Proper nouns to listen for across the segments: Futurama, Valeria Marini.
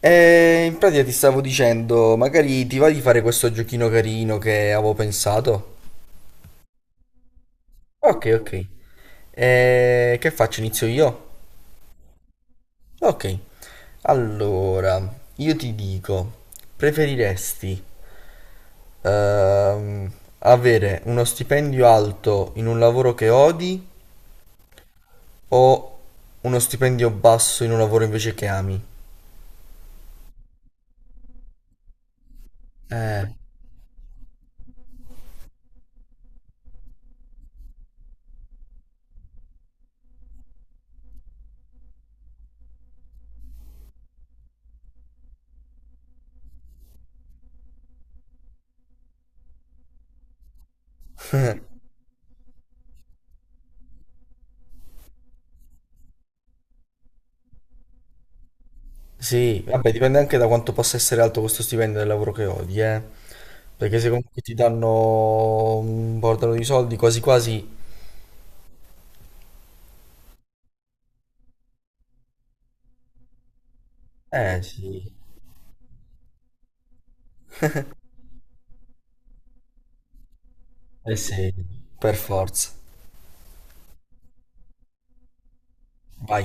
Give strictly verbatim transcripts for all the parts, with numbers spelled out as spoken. E in pratica ti stavo dicendo, magari ti va di fare questo giochino carino che avevo pensato? Ok, ok. E che faccio? Inizio io? Ok. Allora, io ti dico, preferiresti ehm, avere uno stipendio alto in un lavoro che odi o uno stipendio basso in un lavoro invece che ami? Eh. Sì, vabbè, dipende anche da quanto possa essere alto questo stipendio del lavoro che odi, eh. Perché se comunque ti danno un bordello di soldi, quasi quasi... Eh sì, eh sì, per forza. Vai.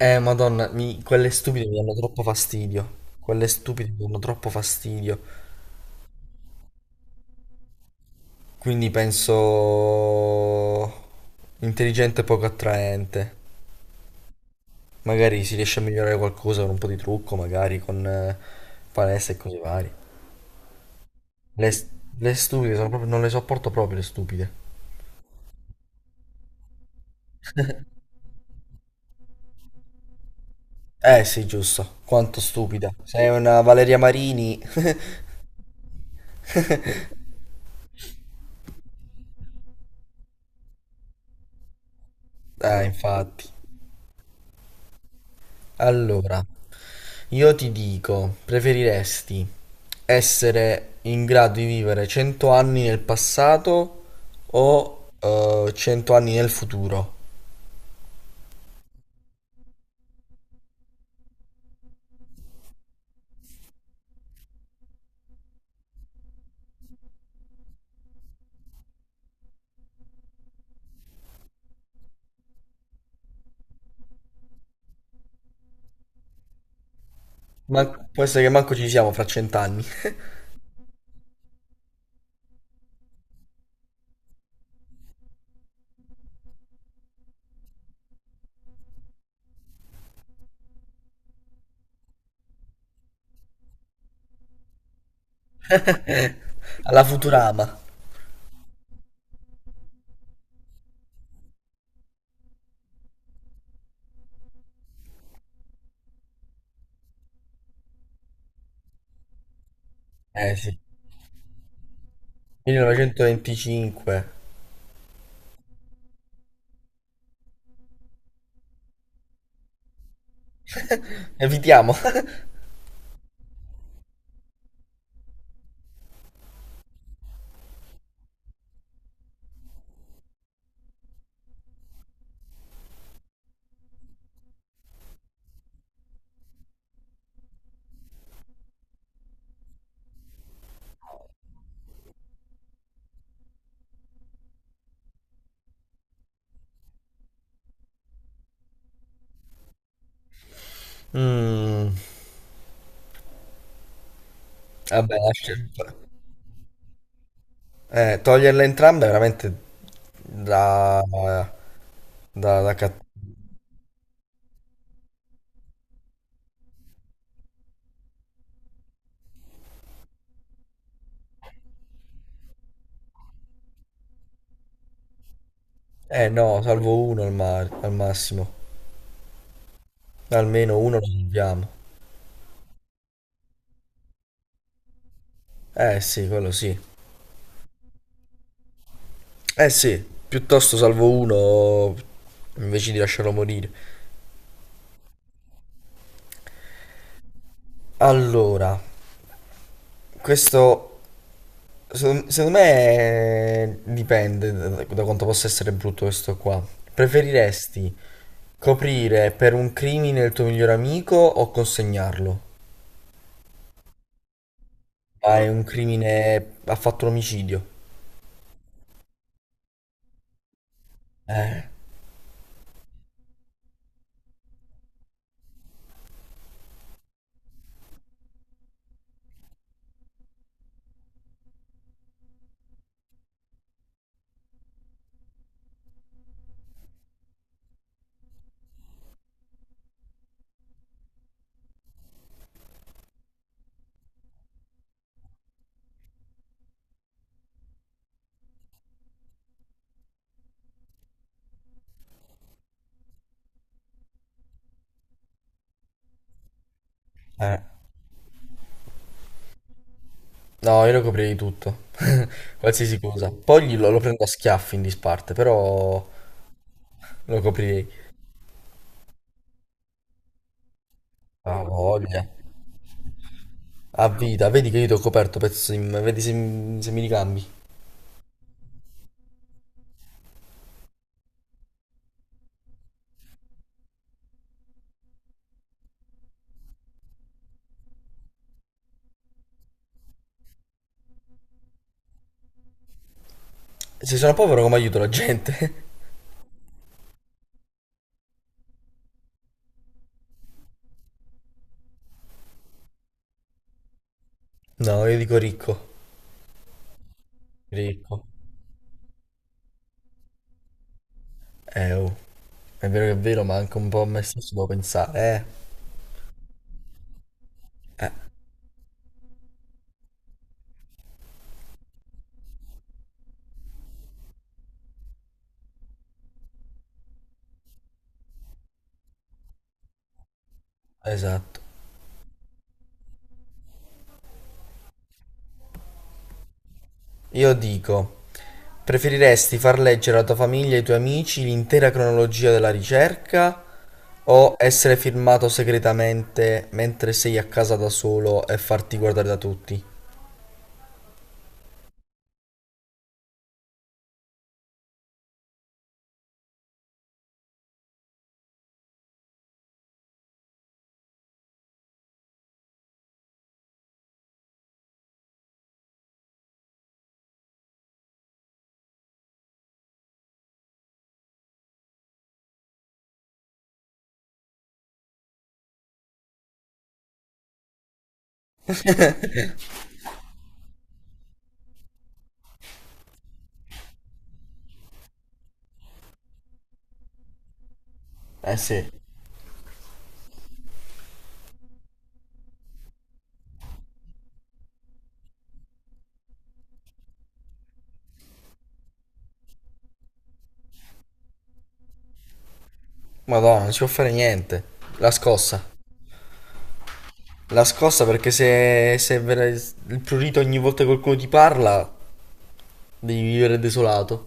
Eh, Madonna, mi- quelle stupide mi danno troppo fastidio. Quelle stupide mi danno troppo fastidio. Quindi penso intelligente e poco attraente. Magari si riesce a migliorare qualcosa con un po' di trucco, magari con eh, palestra e cose varie. Le, le stupide sono proprio, non le sopporto proprio le stupide. Eh, sì, giusto. Quanto stupida. Sei una Valeria Marini. Eh, infatti. Allora, io ti dico, preferiresti essere in grado di vivere cento anni nel passato o eh, cento anni nel futuro? Ma può essere che manco ci siamo fra cento anni. Alla Futurama. Eh sì, millenovecentoventicinque. Evitiamo. Mm. Vabbè, lascia- eh, toglierle entrambe è veramente da, da, da cat- Eh no, salvo uno al, ma- al massimo. Almeno uno lo salviamo. Eh sì, quello sì. Eh sì, piuttosto salvo uno invece di lasciarlo morire. Allora, questo secondo, secondo me eh, dipende da, da quanto possa essere brutto questo qua. Preferiresti coprire per un crimine il tuo miglior amico o consegnarlo? Ah, è un crimine. Ha fatto un omicidio. Eh, eh. No, io lo coprirei tutto. Qualsiasi cosa. Poi glielo- lo prendo a schiaffi in disparte, però lo coprirei. Ah, voglia. A vita, vedi che io ti ho coperto, pezzo di... m- Vedi se, m- se mi ricambi. Se sono povero, come aiuto la gente? No, io dico ricco. Ricco. Eh, oh. È vero che è vero, ma anche un po' a me stesso devo pensare, eh. Eh, esatto. Io dico, preferiresti far leggere alla tua famiglia e ai tuoi amici l'intera cronologia della ricerca o essere firmato segretamente mentre sei a casa da solo e farti guardare da tutti? Eh sì. Madonna, non si può fare niente. La scossa. La scossa perché se, se vera- il prurito ogni volta che qualcuno ti parla, devi vivere desolato.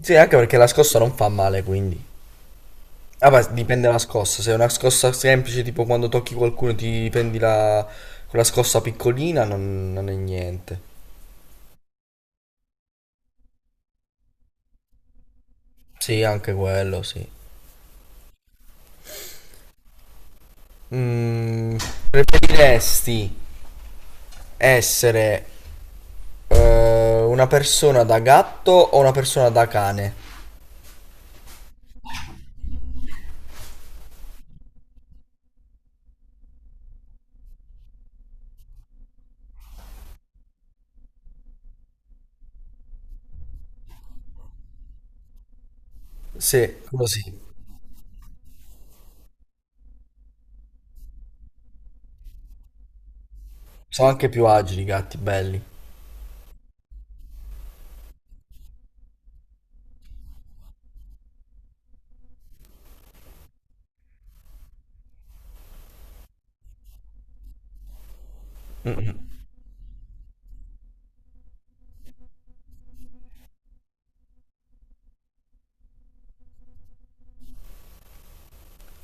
Sì, anche perché la scossa non fa male, quindi. Vabbè, dipende dalla scossa. Se è una scossa semplice, tipo quando tocchi qualcuno e ti prendi la... quella scossa piccolina, non, non è niente. Sì, anche quello, sì. Mm, preferiresti essere eh, una persona da gatto o una persona da cane? Sì, così. Sono anche più agili i gatti, belli.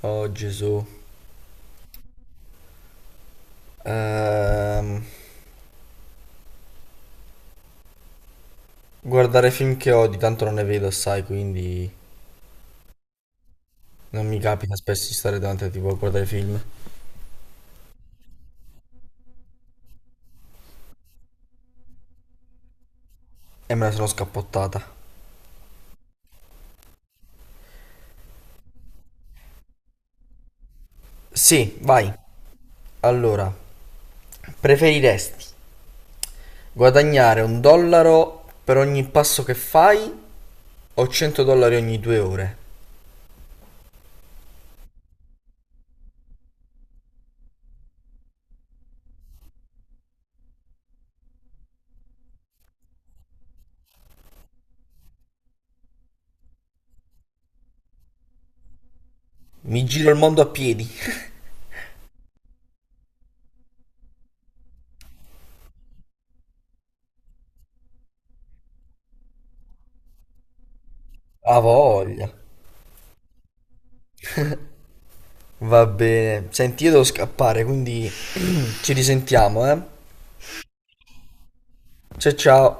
Oh Gesù. Ehm, guardare film che odi, tanto non ne vedo, assai, quindi non mi capita spesso di stare davanti a tipo a guardare film. E me la sono scappottata. Sì, vai. Allora, preferiresti guadagnare un dollaro per ogni passo che fai o cento dollari ogni due ore? Mi giro il mondo a piedi. A voglia. Va bene. Senti, io devo scappare, quindi ci risentiamo, eh? Ciao ciao.